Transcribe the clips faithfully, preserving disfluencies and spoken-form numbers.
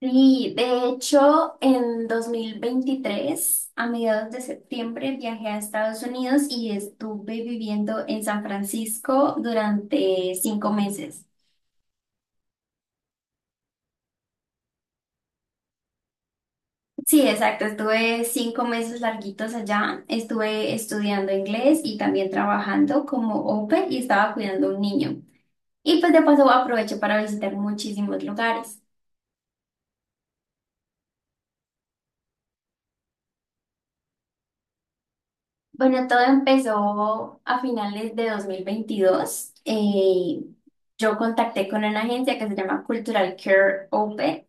Sí, de hecho, en dos mil veintitrés, a mediados de septiembre, viajé a Estados Unidos y estuve viviendo en San Francisco durante cinco meses. Sí, exacto, estuve cinco meses larguitos allá, estuve estudiando inglés y también trabajando como au pair y estaba cuidando a un niño. Y pues de paso aproveché para visitar muchísimos lugares. Bueno, todo empezó a finales de dos mil veintidós. Eh, yo contacté con una agencia que se llama Cultural Care Open.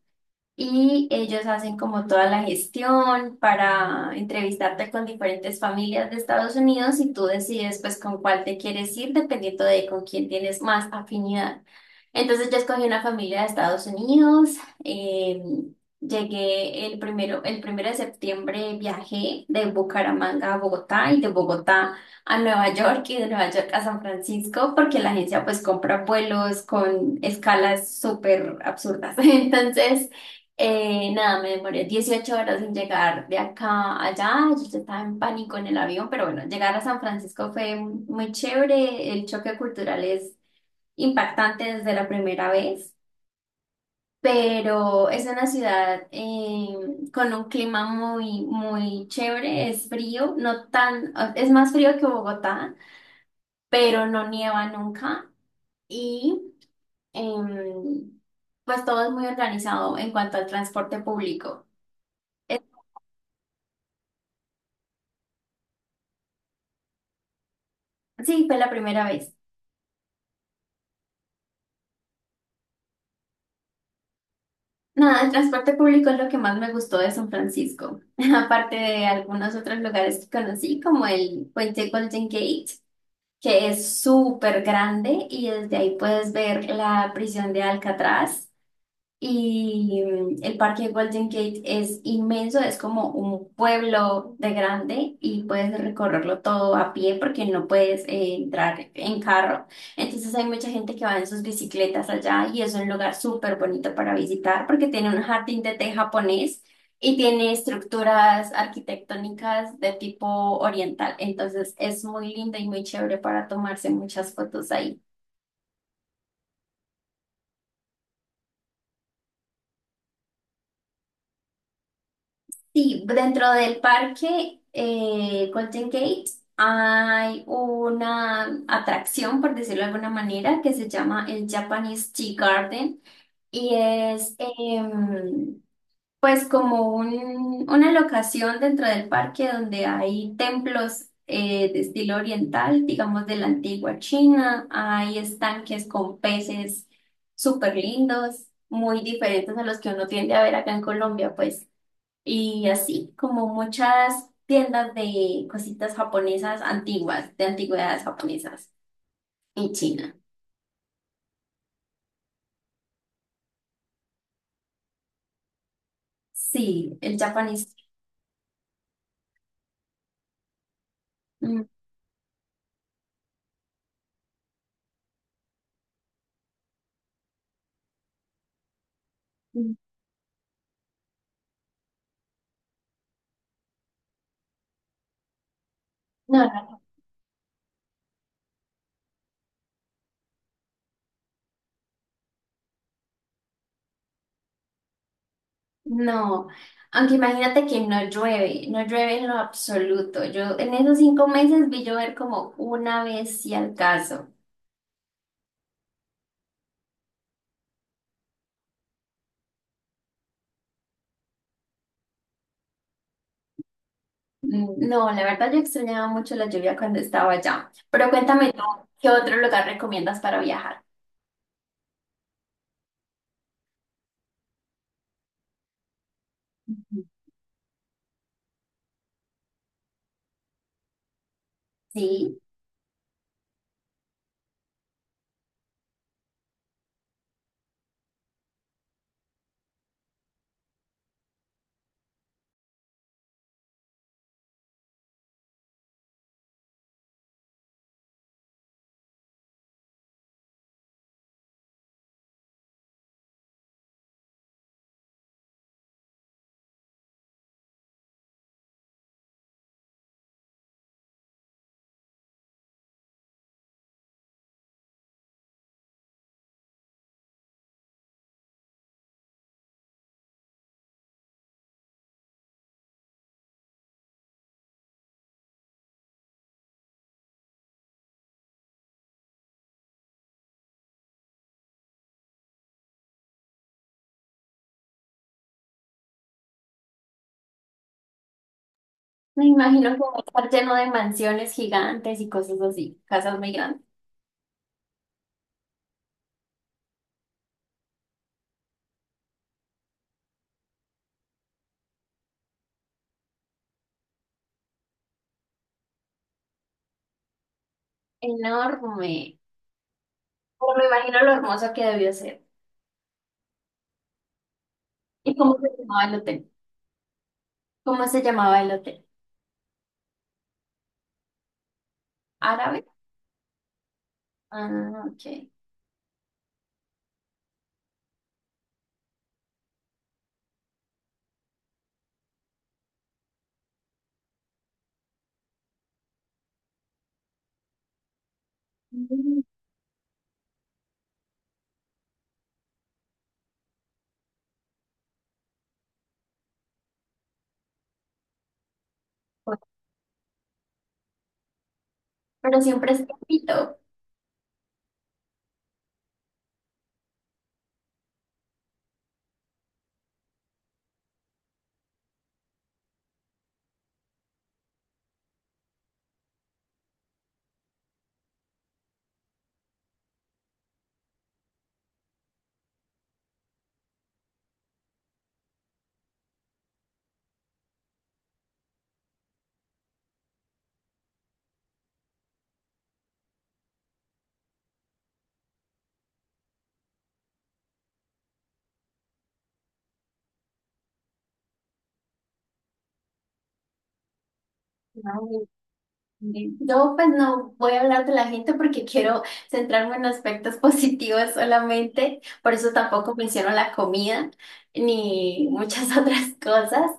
Y ellos hacen como toda la gestión para entrevistarte con diferentes familias de Estados Unidos y tú decides pues con cuál te quieres ir dependiendo de con quién tienes más afinidad. Entonces yo escogí una familia de Estados Unidos. eh, llegué el primero, el primero de septiembre, viajé de Bucaramanga a Bogotá y de Bogotá a Nueva York y de Nueva York a San Francisco porque la agencia pues compra vuelos con escalas súper absurdas. Entonces... Eh, nada, me demoré dieciocho horas en llegar de acá a allá. Yo ya estaba en pánico en el avión, pero bueno, llegar a San Francisco fue muy chévere. El choque cultural es impactante desde la primera vez, pero es una ciudad eh, con un clima muy, muy chévere. Es frío, no tan, es más frío que Bogotá, pero no nieva nunca. Y em, pues todo es muy organizado en cuanto al transporte público. Sí, fue la primera vez. Nada, el transporte público es lo que más me gustó de San Francisco, aparte de algunos otros lugares que conocí, como el puente Golden Gate, que es súper grande y desde ahí puedes ver la prisión de Alcatraz. Y mm, el parque Golden Gate es inmenso, es como un pueblo de grande y puedes recorrerlo todo a pie porque no puedes eh, entrar en carro. Entonces hay mucha gente que va en sus bicicletas allá y es un lugar súper bonito para visitar porque tiene un jardín de té japonés y tiene estructuras arquitectónicas de tipo oriental. Entonces es muy lindo y muy chévere para tomarse muchas fotos ahí. Sí, dentro del parque eh, Golden Gate hay una atracción, por decirlo de alguna manera, que se llama el Japanese Tea Garden y es em, pues como un- una locación dentro del parque donde hay templos eh, de estilo oriental, digamos de la antigua China, hay estanques con peces súper lindos, muy diferentes a los que uno tiende a ver acá en Colombia, pues. Y así como muchas tiendas de cositas japonesas antiguas, de antigüedades japonesas en China. Sí, el japonés. Mm, mm. No, no, no. Aunque imagínate que no llueve, no llueve en lo absoluto. Yo en esos cinco meses vi llover como una vez si al caso. Mm, no, la verdad yo extrañaba mucho la lluvia cuando estaba allá. Pero cuéntame tú, ¿qué otro lugar recomiendas para viajar? Sí. Me imagino que va a estar lleno de mansiones gigantes y cosas así, casas muy grandes. Enorme. Pero me imagino lo hermoso que debió ser. ¿Y cómo se llamaba el hotel? ¿Cómo se llamaba el hotel? ¿Árabe? Ah, ok. Mm, pues, pero siempre es bonito. Sí, Yo pues no voy a hablar de la gente porque quiero centrarme en aspectos positivos solamente, por eso tampoco menciono la comida ni muchas otras cosas,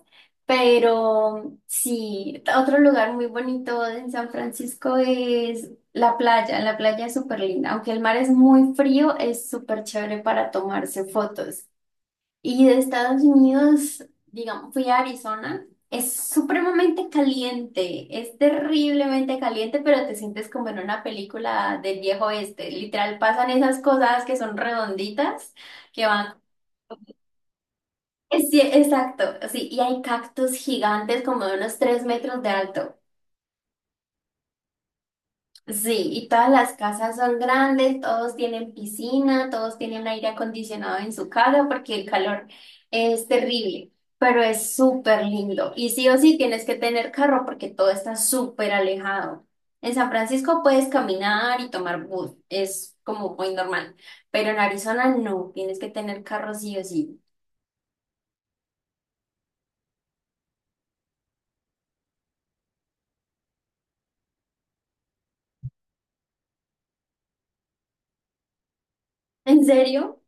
pero sí, otro lugar muy bonito en San Francisco es la playa, la playa es súper linda, aunque el mar es muy frío, es súper chévere para tomarse fotos. Y de Estados Unidos, digamos, fui a Arizona. Es supremamente caliente, es terriblemente caliente, pero te sientes como en una película del viejo oeste. Literal, pasan esas cosas que son redonditas, que van... Sí, exacto, sí, y hay cactus gigantes como de unos tres metros de alto. Sí, y todas las casas son grandes, todos tienen piscina, todos tienen aire acondicionado en su casa porque el calor es terrible, pero es súper lindo. Y sí o sí tienes que tener carro porque todo está súper alejado. En San Francisco puedes caminar y tomar bus, es como muy normal, pero en Arizona no, tienes que tener carro sí o sí. ¿En serio?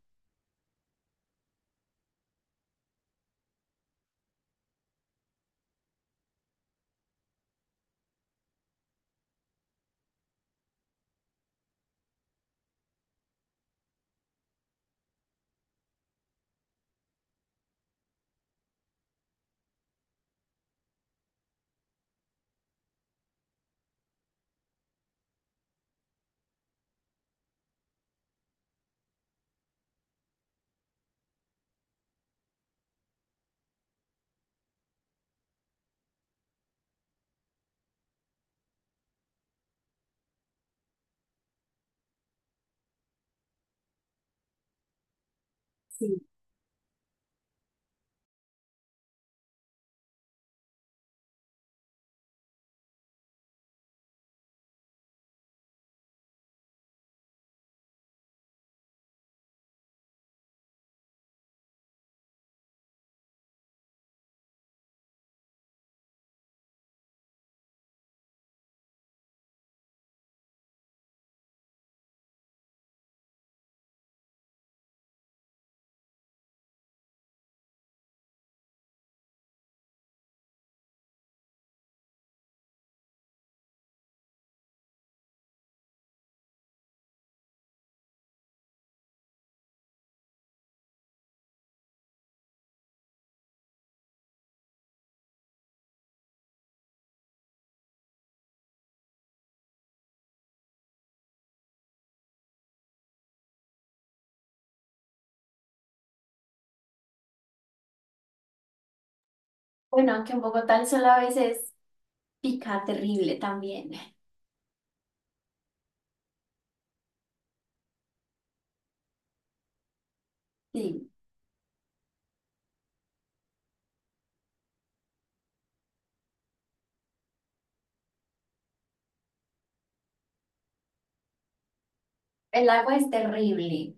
Sí. Bueno, aunque en Bogotá el sol a veces pica terrible también. Sí, el agua es terrible.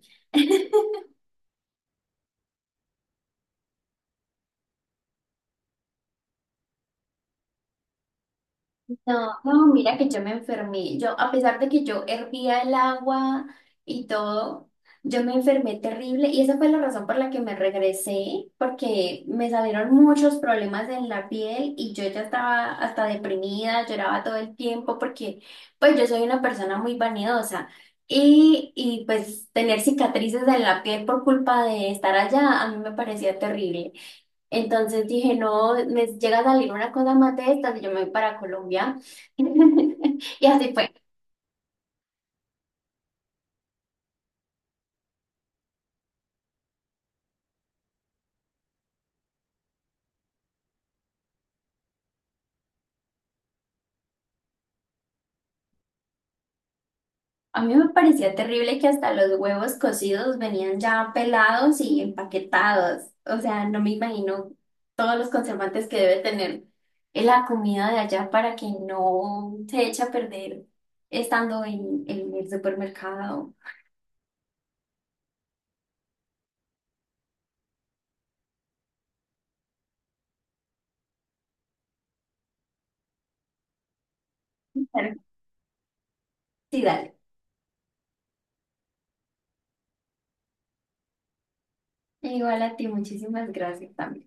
No, no, mira que yo me enfermé. Yo, a pesar de que yo hervía el agua y todo, yo me enfermé terrible y esa fue la razón por la que me regresé, porque me salieron muchos problemas en la piel y yo ya estaba hasta deprimida, lloraba todo el tiempo porque pues yo soy una persona muy vanidosa y, y pues tener cicatrices en la piel por culpa de estar allá a mí me parecía terrible. Entonces dije, no, me llega a salir una cosa más de estas y yo me voy para Colombia. Y así fue. A mí me parecía terrible que hasta los huevos cocidos venían ya pelados y empaquetados. O sea, no me imagino todos los conservantes que debe tener la comida de allá para que no se eche a perder estando en, en el supermercado. Claro. Sí, dale. Igual a ti, muchísimas gracias también.